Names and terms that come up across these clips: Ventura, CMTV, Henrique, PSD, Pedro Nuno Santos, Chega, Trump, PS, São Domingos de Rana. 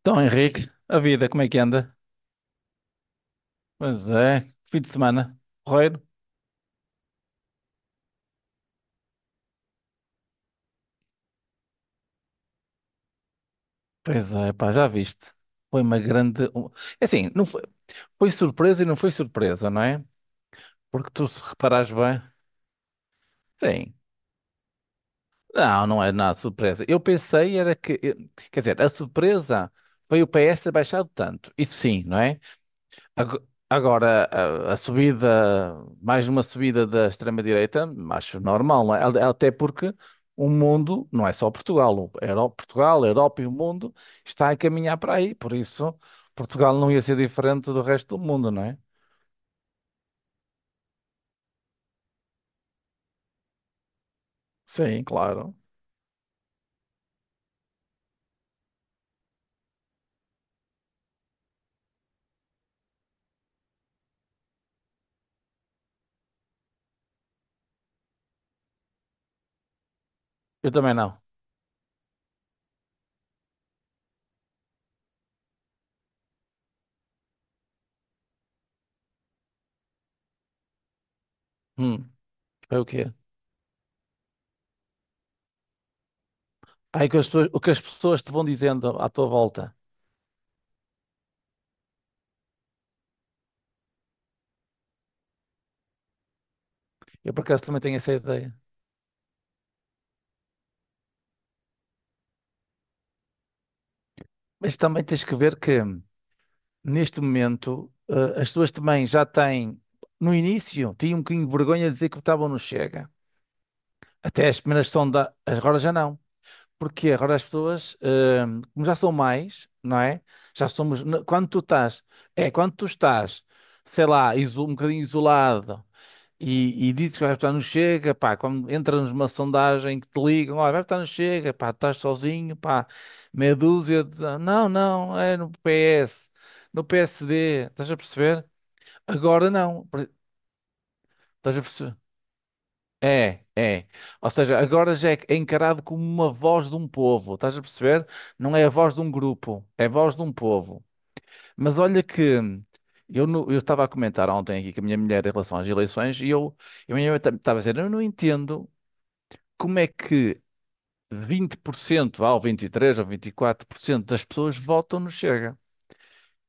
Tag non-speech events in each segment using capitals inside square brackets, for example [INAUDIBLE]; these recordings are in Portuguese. Então, Henrique, a vida, como é que anda? Pois é, fim de semana, porreiro. Pois é, pá, já viste. Foi uma grande. Assim, não foi, foi surpresa e não foi surpresa, não é? Porque tu, se reparares bem, sim. Não, não é nada surpresa. Eu pensei era Quer dizer, a surpresa foi o PS ter baixado tanto. Isso sim, não é? Ago- Agora, a subida mais uma subida da extrema-direita, acho normal, não é? Até porque o mundo, não é só Portugal, Portugal, a Europa e o mundo está a caminhar para aí, por isso Portugal não ia ser diferente do resto do mundo, não é? Sim, claro. Eu também não. Hum, é o quê? Ai, o que as pessoas te vão dizendo à tua volta. Eu por acaso também tenho essa ideia. Mas também tens que ver que neste momento as pessoas também já têm, no início, tinham um bocadinho de vergonha de dizer que votavam no Chega. Até as primeiras sondagens, agora já não. Porque agora as pessoas, como já são mais, não é? Já somos, quando tu estás, é, quando tu estás, sei lá, um bocadinho isolado e dizes que vais votar no Chega, pá, quando entras numa sondagem que te ligam, olha, vai votar no Chega, pá, estás sozinho, pá, meia dúzia, de. Não, não, é no PS, no PSD, estás a perceber? Agora não, estás a perceber? É, é. Ou seja, agora já é encarado como uma voz de um povo, estás a perceber? Não é a voz de um grupo, é a voz de um povo. Mas olha que eu no- eu estava a comentar ontem aqui com a minha mulher em relação às eleições e eu, e a minha mulher estava a dizer, eu não entendo como é que 20%, vá, ou 23% ou 24% das pessoas votam no Chega.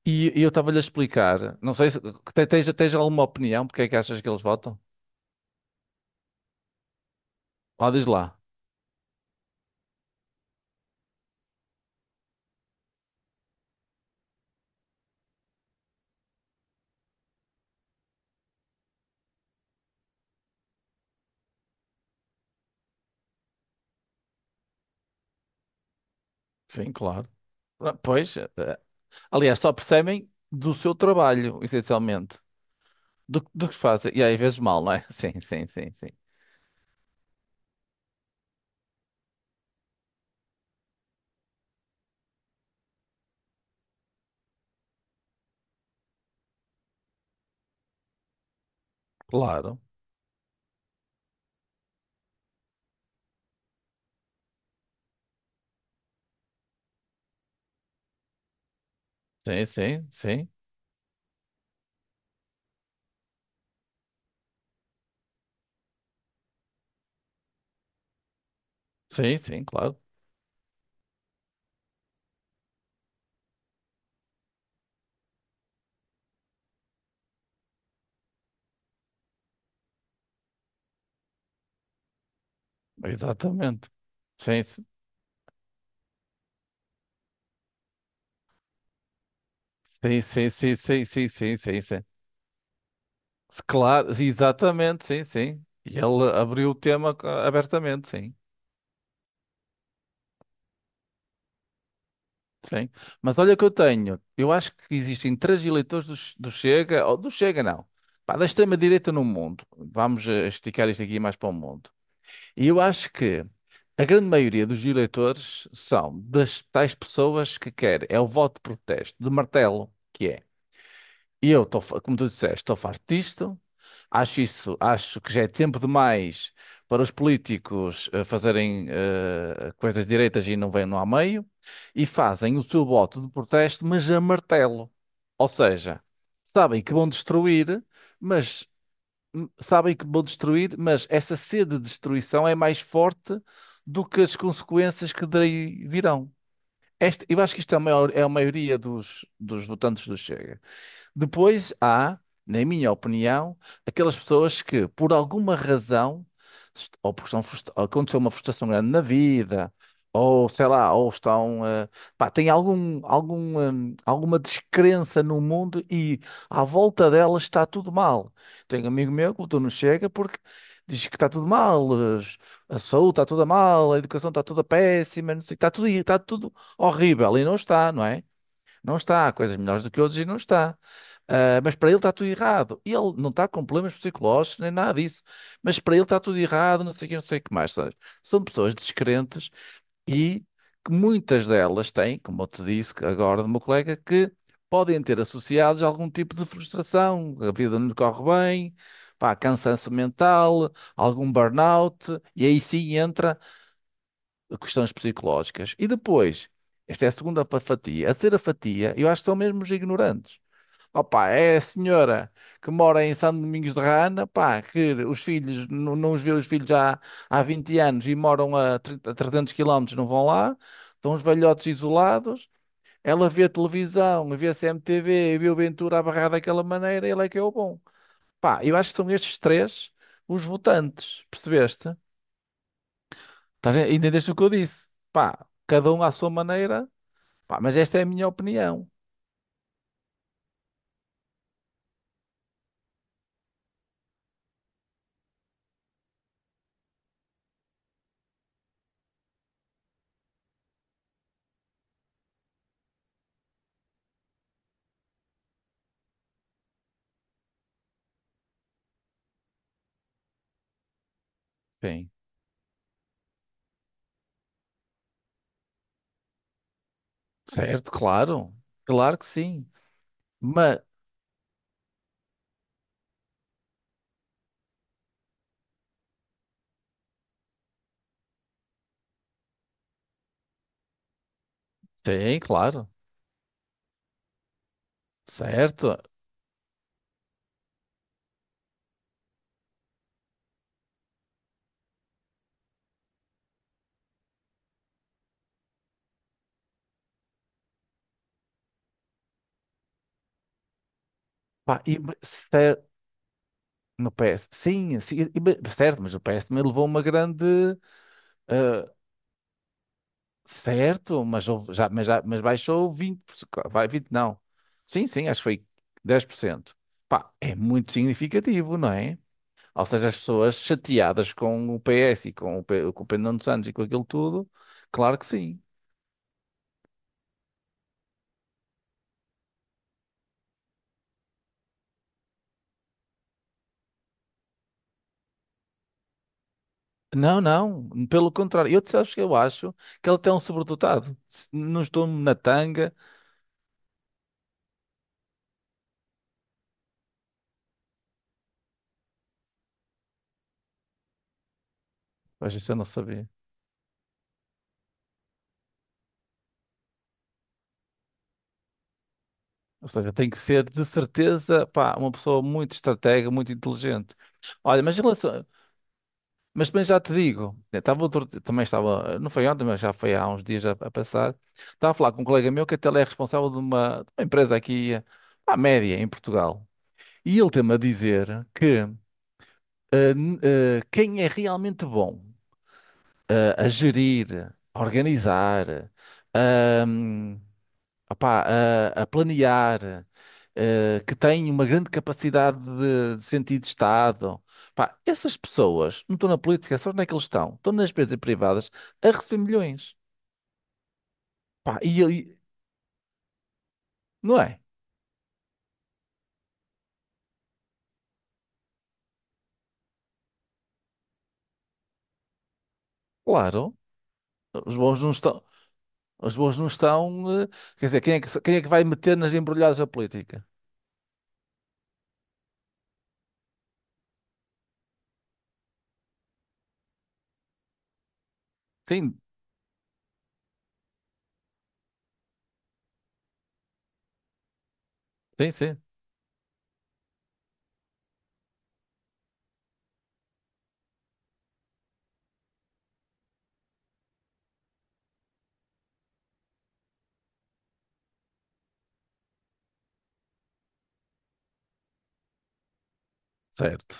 E eu estava-lhe a explicar, não sei se tens alguma opinião porque é que achas que eles votam? Lá diz lá. Sim, claro. Ah, pois, aliás, só percebem do seu trabalho, essencialmente. Do que fazem. E às vezes mal, não é? [LAUGHS] Sim, sim, sim, sim. Claro. Sim, sim, sim. Sim, sim, claro. Exatamente. Sim, sim, sim, sim, sim, sim, sim, sim, sim. Claro, exatamente, sim, sim. E ele abriu o tema ah, abertamente, sim. Sim. Mas olha o que eu tenho. Eu acho que existem três eleitores do Chega, ou do Chega não, pá, da extrema-direita no mundo. Vamos esticar isto aqui mais para o mundo. E eu acho que a grande maioria dos eleitores são das tais pessoas que querem. É o voto de protesto, de martelo, que é. E eu, como tu disseste, estou farto disto. Acho isso, acho que já é tempo demais para os políticos fazerem coisas direitas e não vêm lá a meio, e fazem o seu voto de protesto, mas a martelo. Ou seja, sabem que vão destruir, mas sabem que vão destruir, mas essa sede de destruição é mais forte do que as consequências que daí virão. Este, eu acho que isto é é a maioria dos votantes do Chega. Depois há, na minha opinião, aquelas pessoas que, por alguma razão, ou porque ou aconteceu uma frustração grande na vida, ou sei lá, ou estão, pá, têm alguma descrença no mundo e à volta delas está tudo mal. Tenho um amigo meu que votou no Chega porque diz que está tudo mal, as- a saúde está toda mal, a educação está toda péssima, não sei, está tudo horrível e não está, não é? Não está, há coisas melhores do que outros e não está. Ah, mas para ele está tudo errado. E ele não está com problemas psicológicos nem nada disso. Mas para ele está tudo errado, não sei o que, não sei o que mais. Sabes? São pessoas descrentes e que muitas delas têm, como eu te disse que agora do meu colega, que podem ter associados algum tipo de frustração. A vida não lhe corre bem, pá, cansanço mental, algum burnout. E aí sim entra questões psicológicas. E depois, esta é a fatia. A terceira fatia, eu acho que são mesmo os ignorantes. Opa, é a senhora que mora em São Domingos de Rana, pá, que os filhos, não, não os vê os filhos há 20 anos e moram a, 30 a 300 quilómetros, não vão lá, estão os velhotes isolados, ela vê televisão, vê a CMTV, e vê o Ventura a barrar daquela maneira, ele é que é o bom. Pá, eu acho que são estes três os votantes, percebeste? Entendeste o que eu disse? Pá, cada um à sua maneira, pá, mas esta é a minha opinião. Sim. Certo, claro. Claro que sim. Mas, sim, claro. Certo. Pá, e, cer- no PS, sim, sim, certo, mas o PS também levou uma grande. eh, Certo, mas, mas baixou 20%. Vai, 20 não. Sim, sim, acho que foi 10%. Pá, é muito significativo, não é? Ou seja, as pessoas chateadas com o PS e com o, com o Pedro Nuno Santos e com aquilo tudo, claro que sim. Não, não, pelo contrário, eu, sabes que eu acho que ele até é um sobredotado. Se não estou na tanga, mas isso eu não sabia. Ou seja, tem que ser de certeza, pá, uma pessoa muito estratega, muito inteligente. Olha, mas em relação, mas também já te digo, eu estava outro, também estava, não foi ontem, mas já foi há uns dias a passar, estava a falar com um colega meu que até ele é responsável de de uma empresa aqui, à média, em Portugal. E ele tem-me a dizer que quem é realmente bom a gerir, a organizar, ahm, opá, a planear, que tem uma grande capacidade de sentido de Estado, pá, essas pessoas não estão na política, só onde é que eles estão? Estão nas empresas privadas a receber milhões. Pá, e, ele não é? Claro, os bons não estão. Os bons não estão. Quer dizer, quem é que vai meter nas embrulhadas da política? Sim, sim, sim. Certo.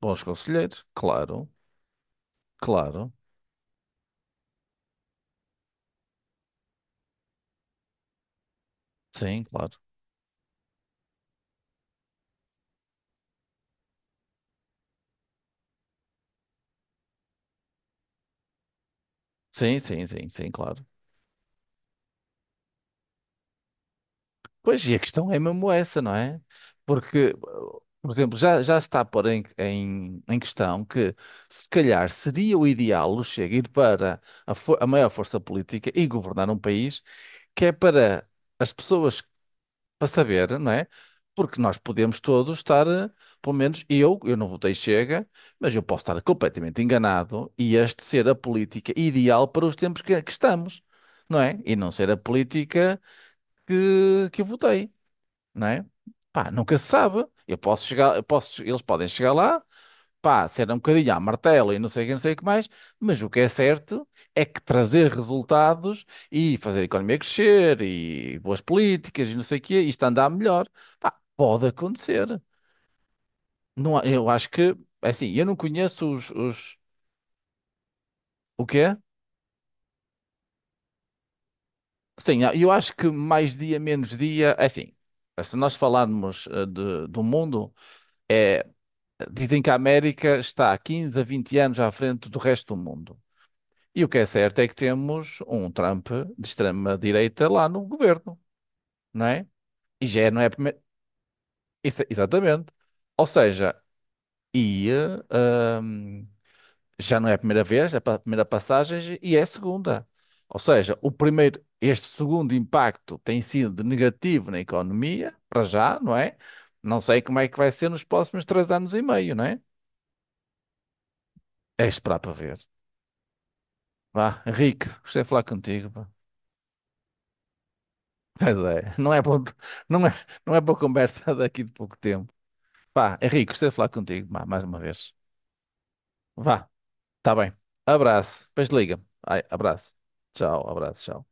Bons conselheiros, claro, claro. Sim, claro. Sim, sim, sim, sim, claro. Pois, e a questão é mesmo essa, não é? Porque, por exemplo, já está por em questão que, se calhar, seria o ideal o Chega ir para a maior força política e governar um país que é para as pessoas para saber, não é? Porque nós podemos todos estar, pelo menos eu não votei Chega, mas eu posso estar completamente enganado e este ser a política ideal para os tempos que estamos, não é? E não ser a política que eu votei, não é? Pá, nunca se sabe. Eu posso chegar, eu posso, eles podem chegar lá pá, será um bocadinho à martela e não sei o que, não sei o que mais, mas o que é certo é que trazer resultados e fazer a economia crescer e boas políticas e não sei o quê, isto andar melhor, pá, pode acontecer. Não, eu acho que, é assim, eu não conheço o quê? Sim, eu acho que mais dia, menos dia, é assim, se nós falarmos do mundo, é, dizem que a América está há 15 a 20 anos à frente do resto do mundo. E o que é certo é que temos um Trump de extrema-direita lá no governo, não é? E já é, não é a primeira. Isso- Exatamente. Ou seja, e, eh, hum, já não é a primeira vez, é a primeira passagem e é a segunda. Ou seja, o primeiro, este segundo impacto tem sido negativo na economia, para já, não é? Não sei como é que vai ser nos próximos 3 anos e meio, não é? É esperar para ver. Vá, Henrique, gostei de falar contigo. Pá. Pois é, não é boa, não é, não é boa conversa [LAUGHS] daqui de pouco tempo. Vá, Henrique, gostei de falar contigo, vá, mais uma vez. Vá, tá bem. Abraço, depois liga. Ai, abraço. Tchau, abraço, tchau.